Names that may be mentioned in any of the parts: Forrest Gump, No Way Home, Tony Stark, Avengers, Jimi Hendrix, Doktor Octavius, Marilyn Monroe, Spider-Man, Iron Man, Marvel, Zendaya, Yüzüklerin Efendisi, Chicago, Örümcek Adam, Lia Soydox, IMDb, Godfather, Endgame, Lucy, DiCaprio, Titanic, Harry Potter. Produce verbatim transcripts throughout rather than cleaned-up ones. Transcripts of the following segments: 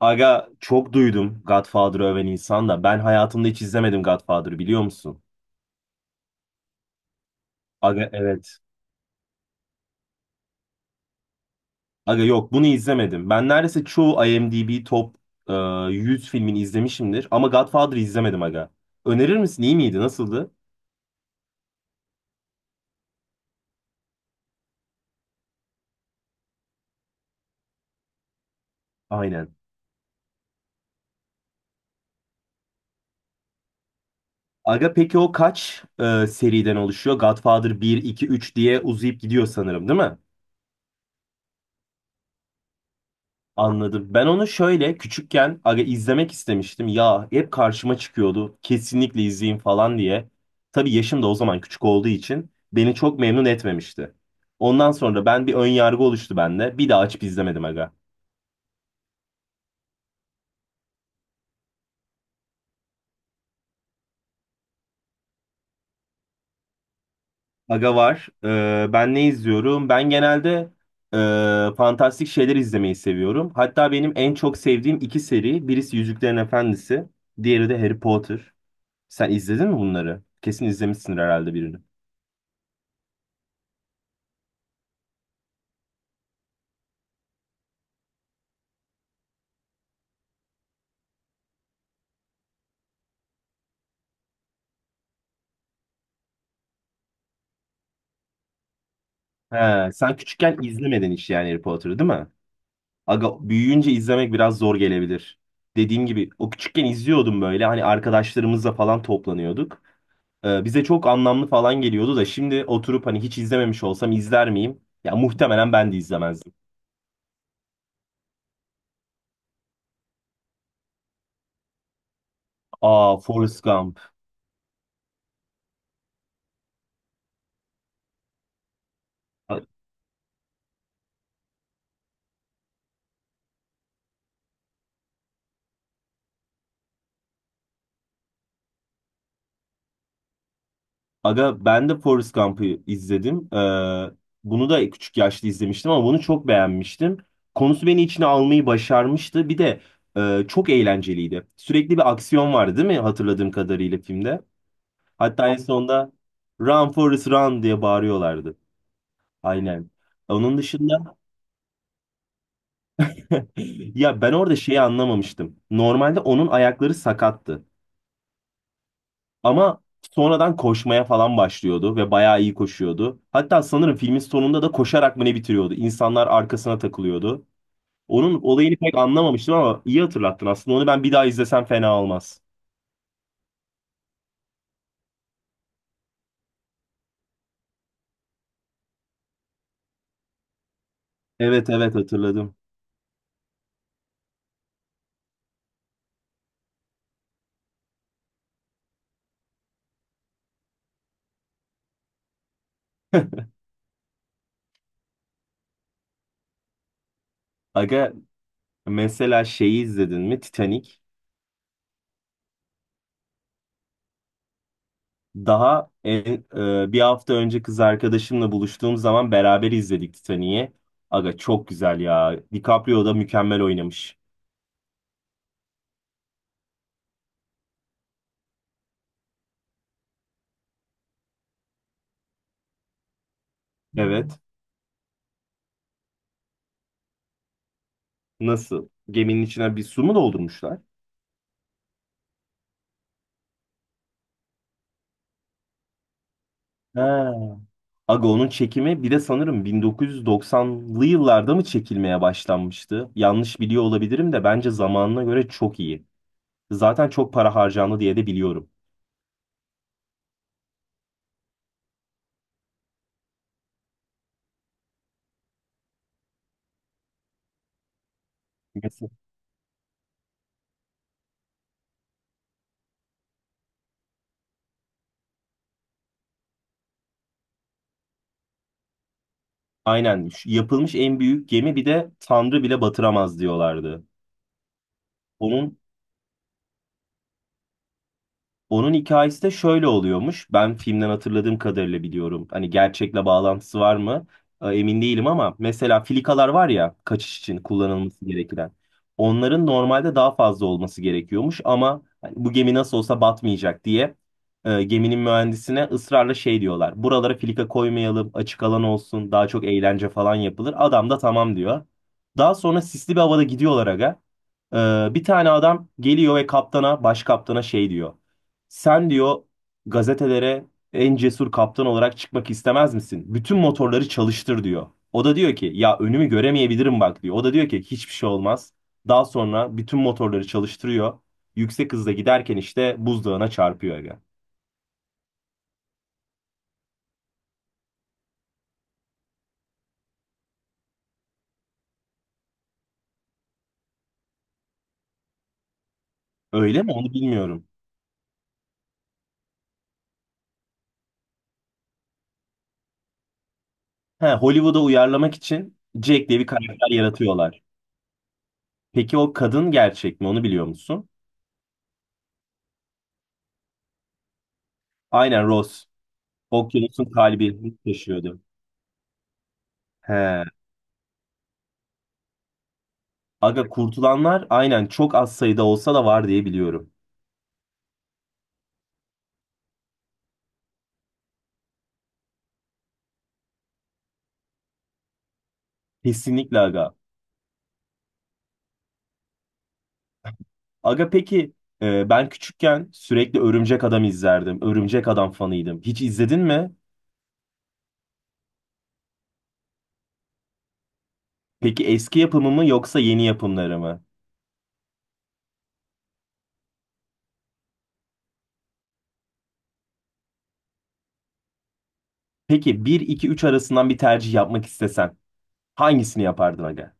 Aga çok duydum Godfather'ı öven insan da. Ben hayatımda hiç izlemedim Godfather'ı biliyor musun? Aga evet. Aga yok bunu izlemedim. Ben neredeyse çoğu IMDb top e, yüz filmini izlemişimdir. Ama Godfather'ı izlemedim aga. Önerir misin? İyi miydi? Nasıldı? Aynen. Aga peki o kaç e, seriden oluşuyor? Godfather bir iki üç diye uzayıp gidiyor sanırım değil mi? Anladım. Ben onu şöyle küçükken aga izlemek istemiştim. Ya hep karşıma çıkıyordu. Kesinlikle izleyin falan diye. Tabii yaşım da o zaman küçük olduğu için beni çok memnun etmemişti. Ondan sonra ben bir ön yargı oluştu bende. Bir daha açıp izlemedim aga. Aga var. Ee, ben ne izliyorum? Ben genelde e, fantastik şeyler izlemeyi seviyorum. Hatta benim en çok sevdiğim iki seri. Birisi Yüzüklerin Efendisi. Diğeri de Harry Potter. Sen izledin mi bunları? Kesin izlemişsindir herhalde birini. He, sen küçükken izlemedin hiç yani Harry Potter'ı değil mi? Aga büyüyünce izlemek biraz zor gelebilir. Dediğim gibi o küçükken izliyordum böyle hani arkadaşlarımızla falan toplanıyorduk. Ee, bize çok anlamlı falan geliyordu da şimdi oturup hani hiç izlememiş olsam izler miyim? Ya muhtemelen ben de izlemezdim. Aa, Forrest Gump. Aga ben de Forrest Gump'ı izledim. Ee, bunu da küçük yaşta izlemiştim ama bunu çok beğenmiştim. Konusu beni içine almayı başarmıştı. Bir de e, çok eğlenceliydi. Sürekli bir aksiyon vardı değil mi hatırladığım kadarıyla filmde? Hatta en sonunda Run Forrest Run diye bağırıyorlardı. Aynen. Onun dışında ya ben orada şeyi anlamamıştım. Normalde onun ayakları sakattı. Ama sonradan koşmaya falan başlıyordu ve bayağı iyi koşuyordu. Hatta sanırım filmin sonunda da koşarak mı ne bitiriyordu? İnsanlar arkasına takılıyordu. Onun olayını pek anlamamıştım ama iyi hatırlattın aslında. Onu ben bir daha izlesem fena olmaz. Evet, evet, hatırladım. Aga mesela şeyi izledin mi? Titanic. Daha en- e, Bir hafta önce kız arkadaşımla buluştuğum zaman beraber izledik Titanic'i. Aga çok güzel ya. DiCaprio da mükemmel oynamış. Evet. Nasıl? Geminin içine bir su mu doldurmuşlar? Ha. Aga onun çekimi bir de sanırım bin dokuz yüz doksanlı yıllarda mı çekilmeye başlanmıştı? Yanlış biliyor olabilirim de bence zamanına göre çok iyi. Zaten çok para harcandı diye de biliyorum. Mesela... Aynen. Şu yapılmış en büyük gemi, bir de Tanrı bile batıramaz diyorlardı. Onun Onun hikayesi de şöyle oluyormuş. Ben filmden hatırladığım kadarıyla biliyorum. Hani gerçekle bağlantısı var mı? E, Emin değilim ama mesela filikalar var ya kaçış için kullanılması gereken. Onların normalde daha fazla olması gerekiyormuş ama hani bu gemi nasıl olsa batmayacak diye e, geminin mühendisine ısrarla şey diyorlar. Buralara filika koymayalım, açık alan olsun, daha çok eğlence falan yapılır. Adam da tamam diyor. Daha sonra sisli bir havada gidiyorlar aga. E, bir tane adam geliyor ve kaptana, baş kaptana şey diyor. Sen diyor, gazetelere en cesur kaptan olarak çıkmak istemez misin? Bütün motorları çalıştır diyor. O da diyor ki ya önümü göremeyebilirim bak diyor. O da diyor ki hiçbir şey olmaz. Daha sonra bütün motorları çalıştırıyor. Yüksek hızla giderken işte buzdağına çarpıyor aga. Öyle mi, onu bilmiyorum. He, Hollywood'a uyarlamak için Jack diye bir karakter yaratıyorlar. Peki o kadın gerçek mi, onu biliyor musun? Aynen, Rose. Okyanusun kalbi taşıyordu. He. Aga kurtulanlar aynen çok az sayıda olsa da var diye biliyorum. Kesinlikle aga. Aga peki e, ben küçükken sürekli Örümcek Adam izlerdim. Örümcek Adam fanıydım. Hiç izledin mi? Peki eski yapımı mı yoksa yeni yapımları mı? Peki bir iki üç arasından bir tercih yapmak istesen hangisini yapardın aga?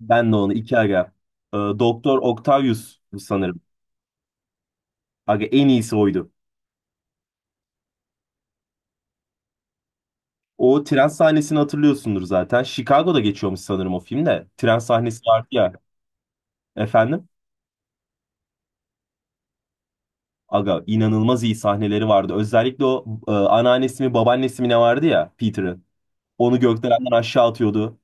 Ben de onu iki aga. E, Doktor Octavius sanırım. Aga en iyisi oydu. O tren sahnesini hatırlıyorsundur zaten. Chicago'da geçiyormuş sanırım o filmde. Tren sahnesi vardı ya. Efendim? Aga inanılmaz iyi sahneleri vardı. Özellikle o e, anneannesi mi babaannesi mi ne vardı ya Peter'ın. Onu gökdelenden aşağı atıyordu.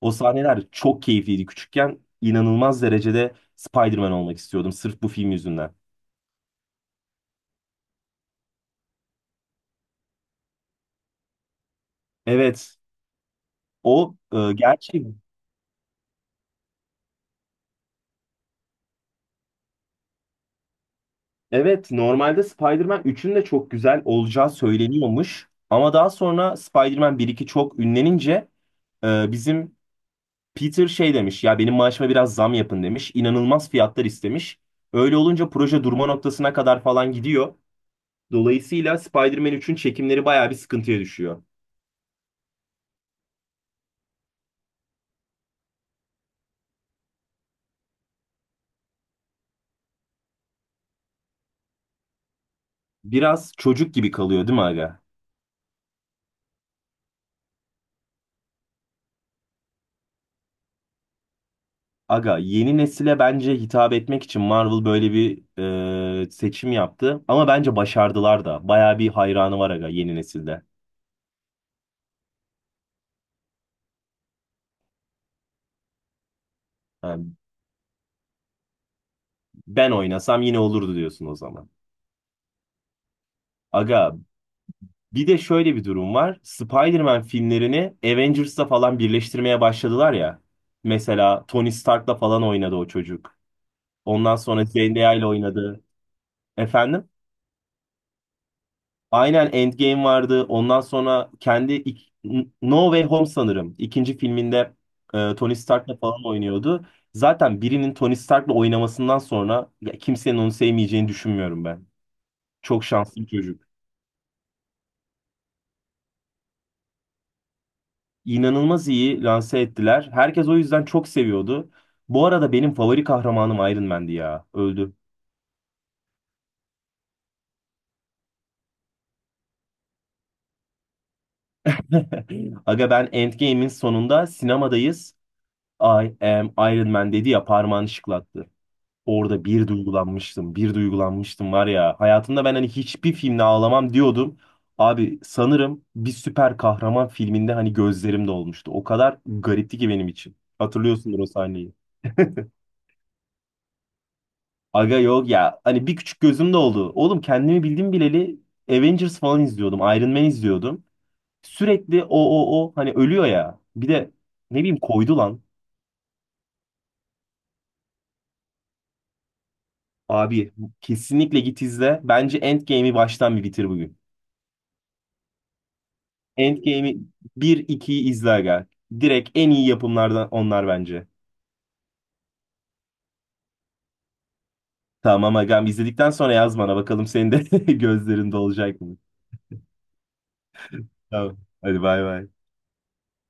O sahneler çok keyifliydi. Küçükken inanılmaz derecede Spider-Man olmak istiyordum sırf bu film yüzünden. Evet o e, gerçi evet normalde Spider-Man üçün de çok güzel olacağı söyleniyormuş. Ama daha sonra Spider-Man bir iki çok ünlenince e, bizim Peter şey demiş ya, benim maaşıma biraz zam yapın demiş. İnanılmaz fiyatlar istemiş. Öyle olunca proje durma noktasına kadar falan gidiyor. Dolayısıyla Spider-Man üçün çekimleri bayağı bir sıkıntıya düşüyor. Biraz çocuk gibi kalıyor değil mi aga? Aga yeni nesile bence hitap etmek için Marvel böyle bir e, seçim yaptı. Ama bence başardılar da. Bayağı bir hayranı var aga yeni nesilde. Ha, ben oynasam yine olurdu diyorsun o zaman. Aga bir de şöyle bir durum var. Spider-Man filmlerini Avengers'la falan birleştirmeye başladılar ya. Mesela Tony Stark'la falan oynadı o çocuk. Ondan sonra Zendaya ile oynadı. Efendim? Aynen, Endgame vardı. Ondan sonra kendi ik- No Way Home sanırım. İkinci filminde e, Tony Stark'la falan oynuyordu. Zaten birinin Tony Stark'la oynamasından sonra ya kimsenin onu sevmeyeceğini düşünmüyorum ben. Çok şanslı bir çocuk. İnanılmaz iyi lanse ettiler. Herkes o yüzden çok seviyordu. Bu arada benim favori kahramanım Iron Man'di ya. Öldü. Aga ben Endgame'in sonunda sinemadayız. I am Iron Man dedi ya, parmağını şıklattı. Orada bir duygulanmıştım. Bir duygulanmıştım var ya. Hayatımda ben hani hiçbir filmde ağlamam diyordum. Abi sanırım bir süper kahraman filminde hani gözlerim dolmuştu. O kadar garipti ki benim için. Hatırlıyorsundur o sahneyi. Aga yok ya. Hani bir küçük gözüm de oldu. Oğlum kendimi bildim bileli Avengers falan izliyordum. Iron Man izliyordum. Sürekli o o o hani ölüyor ya. Bir de ne bileyim, koydu lan. Abi kesinlikle git izle. Bence Endgame'i baştan bir bitir bugün. Endgame'i bir ikiyi izle aga. Direkt en iyi yapımlardan onlar bence. Tamam agam, izledikten sonra yaz bana bakalım senin de gözlerinde olacak mı? Tamam. Hadi bay bay.